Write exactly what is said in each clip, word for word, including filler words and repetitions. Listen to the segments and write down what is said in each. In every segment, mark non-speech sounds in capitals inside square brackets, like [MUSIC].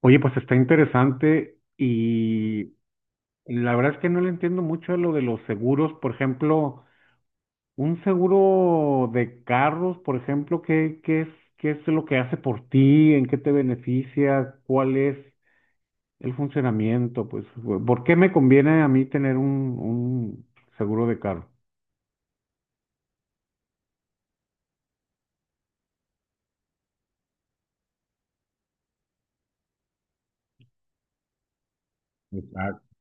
Oye, pues está interesante y la verdad es que no le entiendo mucho a lo de los seguros. Por ejemplo, un seguro de carros, por ejemplo, ¿qué, qué es, ¿qué es lo que hace por ti? ¿En qué te beneficia? ¿Cuál es el funcionamiento? Pues, ¿por qué me conviene a mí tener un, un seguro de carro? Exacto.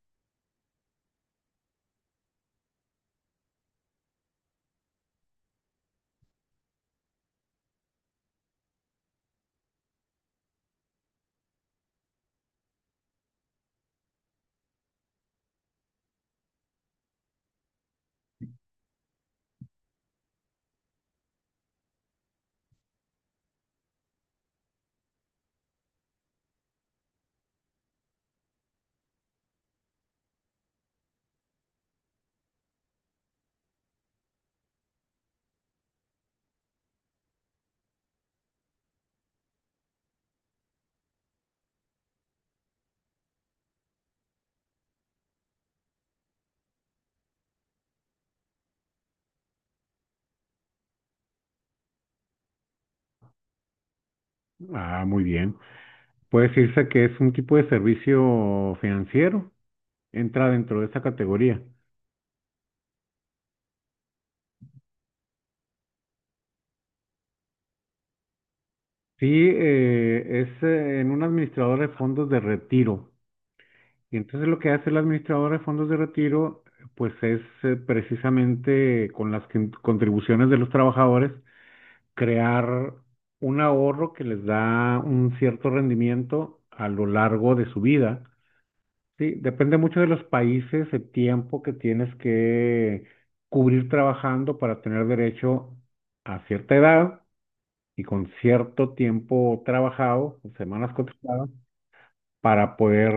Ah, muy bien. Puede decirse que es un tipo de servicio financiero. Entra dentro de esa categoría. Sí, eh, es eh, en un administrador de fondos de retiro. Y entonces lo que hace el administrador de fondos de retiro, pues es eh, precisamente con las quin- contribuciones de los trabajadores, crear un ahorro que les da un cierto rendimiento a lo largo de su vida. Sí, depende mucho de los países, el tiempo que tienes que cubrir trabajando para tener derecho a cierta edad y con cierto tiempo trabajado, o semanas cotizadas, para poder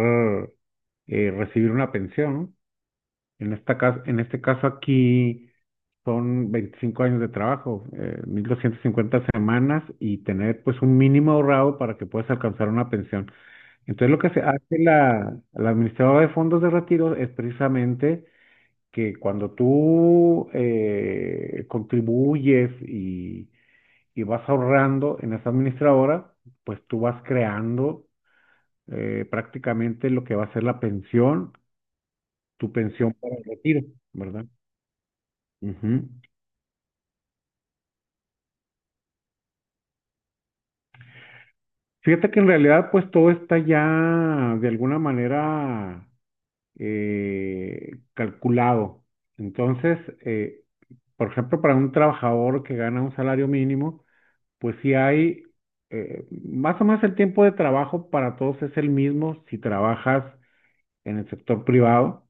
eh, recibir una pensión, ¿no? En esta cas- en este caso aquí son veinticinco años de trabajo, eh, mil doscientas cincuenta semanas y tener pues un mínimo ahorrado para que puedas alcanzar una pensión. Entonces lo que se hace la, la administradora de fondos de retiro es precisamente que cuando tú eh, contribuyes y y vas ahorrando en esa administradora, pues tú vas creando eh, prácticamente lo que va a ser la pensión, tu pensión para el retiro, ¿verdad? Ujú. Fíjate que en realidad pues todo está ya de alguna manera eh, calculado. Entonces, eh, por ejemplo, para un trabajador que gana un salario mínimo, pues sí hay eh, más o menos el tiempo de trabajo para todos es el mismo si trabajas en el sector privado,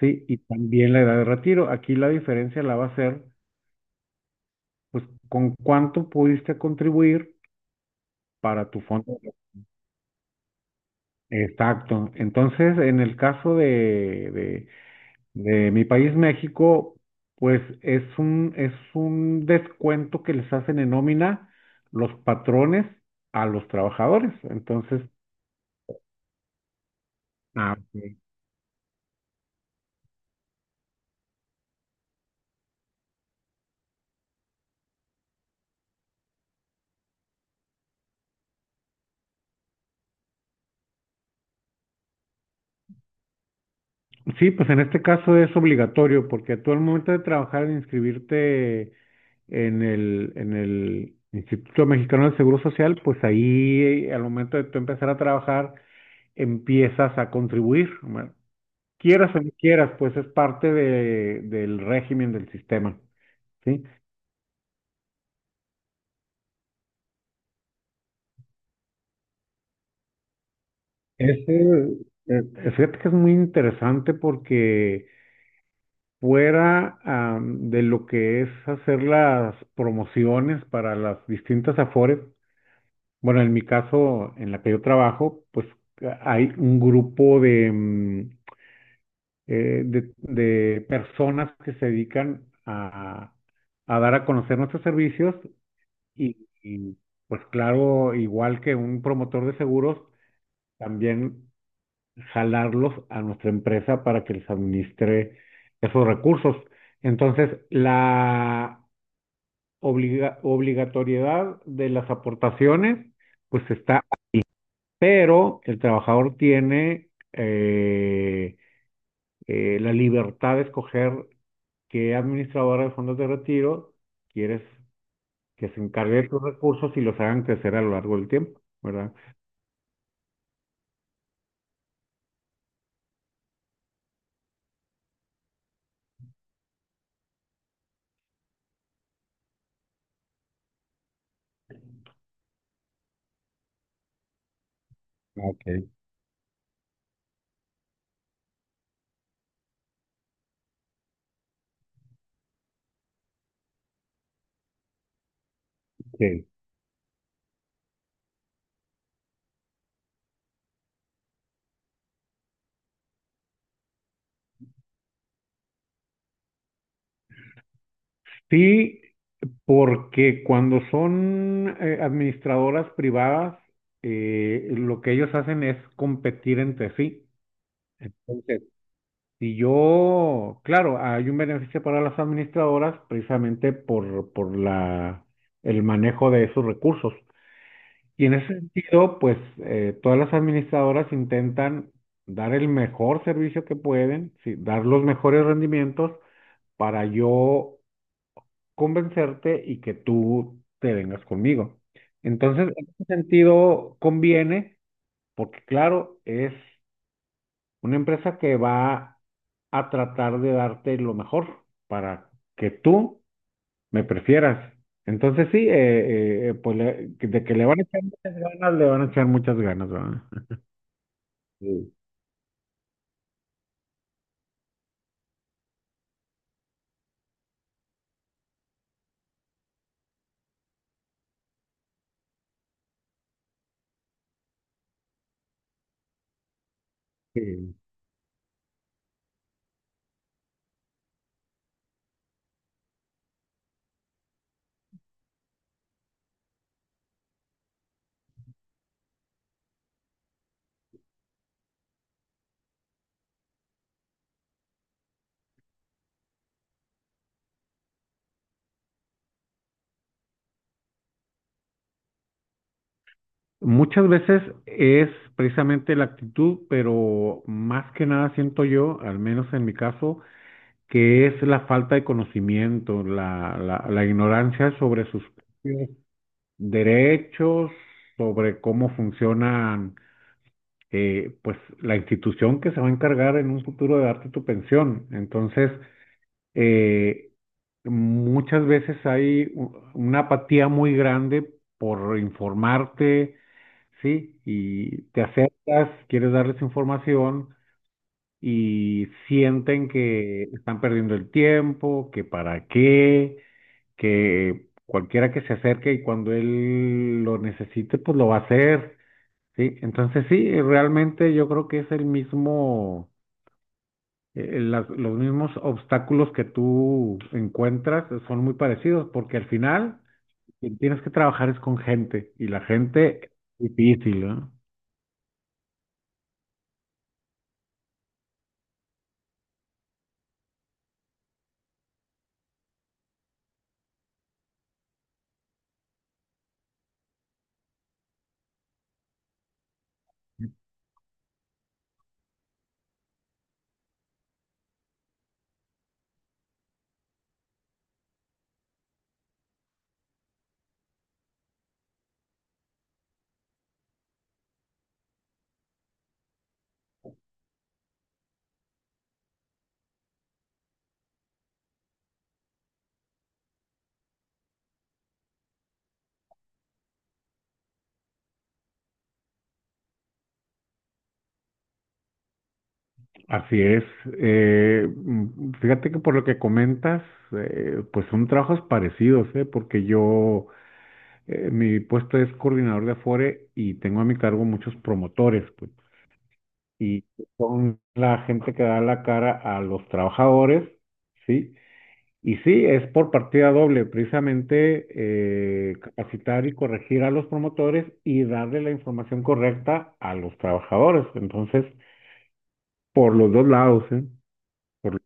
¿sí? Y también la edad de retiro. Aquí la diferencia la va a ser, pues, con cuánto pudiste contribuir para tu fondo. Exacto. Entonces, en el caso de, de, de mi país, México, pues es un, es un descuento que les hacen en nómina los patrones a los trabajadores. Entonces, ah, ok. Sí, pues en este caso es obligatorio porque tú al momento de trabajar, de inscribirte en el, en el Instituto Mexicano del Seguro Social, pues ahí eh, al momento de tú empezar a trabajar empiezas a contribuir, ¿no? Quieras o no quieras, pues es parte de, del régimen del sistema, ¿sí? Este, eh, Fíjate que es muy interesante porque fuera am, de lo que es hacer las promociones para las distintas AFORES. Bueno, en mi caso, en la que yo trabajo, pues hay un grupo de, mm, eh, de, de personas que se dedican a, a dar a conocer nuestros servicios y, y, pues claro, igual que un promotor de seguros, también jalarlos a nuestra empresa para que les administre esos recursos. Entonces, la obliga- obligatoriedad de las aportaciones pues está, pero el trabajador tiene eh, eh, la libertad de escoger qué administradora de fondos de retiro quieres que se encargue de tus recursos y los hagan crecer a lo largo del tiempo, ¿verdad? Ok. Sí. Sí, porque cuando son eh, administradoras privadas, eh, lo que ellos hacen es competir entre sí. Entonces, Si yo, claro, hay un beneficio para las administradoras precisamente por, por la, el manejo de esos recursos. Y en ese sentido, pues eh, todas las administradoras intentan dar el mejor servicio que pueden, sí, dar los mejores rendimientos para yo convencerte y que tú te vengas conmigo. Entonces, en ese sentido, conviene, porque claro, es una empresa que va a tratar de darte lo mejor para que tú me prefieras. Entonces sí, eh, eh, pues le- de que le van a echar muchas ganas, le van a echar muchas ganas, ¿verdad? Sí. Sí. Muchas veces es precisamente la actitud, pero más que nada siento yo, al menos en mi caso, que es la falta de conocimiento, la, la, la ignorancia sobre sus propios derechos, sobre cómo funcionan eh, pues la institución que se va a encargar en un futuro de darte tu pensión. Entonces, eh, muchas veces hay u- una apatía muy grande por informarte, ¿sí? Y te acercas, quieres darles información y sienten que están perdiendo el tiempo, que para qué, que cualquiera que se acerque y cuando él lo necesite, pues lo va a hacer. Sí, entonces sí, eh, realmente yo creo que es el mismo, eh, las- los mismos obstáculos que tú encuentras eh, son muy parecidos, porque al final quien tienes que trabajar es con gente y la gente es difícil, ¿no? Así es. Eh, mm, fíjate que por lo que comentas, eh, pues son trabajos parecidos, ¿eh? Porque yo, eh, mi puesto es coordinador de Afore y tengo a mi cargo muchos promotores, pues. Y son la gente que da la cara a los trabajadores, ¿sí? Y sí, es por partida doble, precisamente eh, capacitar y corregir a los promotores y darle la información correcta a los trabajadores. Entonces, por los dos lados, ¿eh? Por-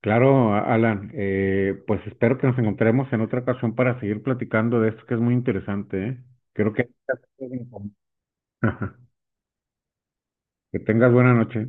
Claro, Alan, eh, pues espero que nos encontremos en otra ocasión para seguir platicando de esto que es muy interesante, ¿eh? Creo que... [LAUGHS] Que tengas buena noche.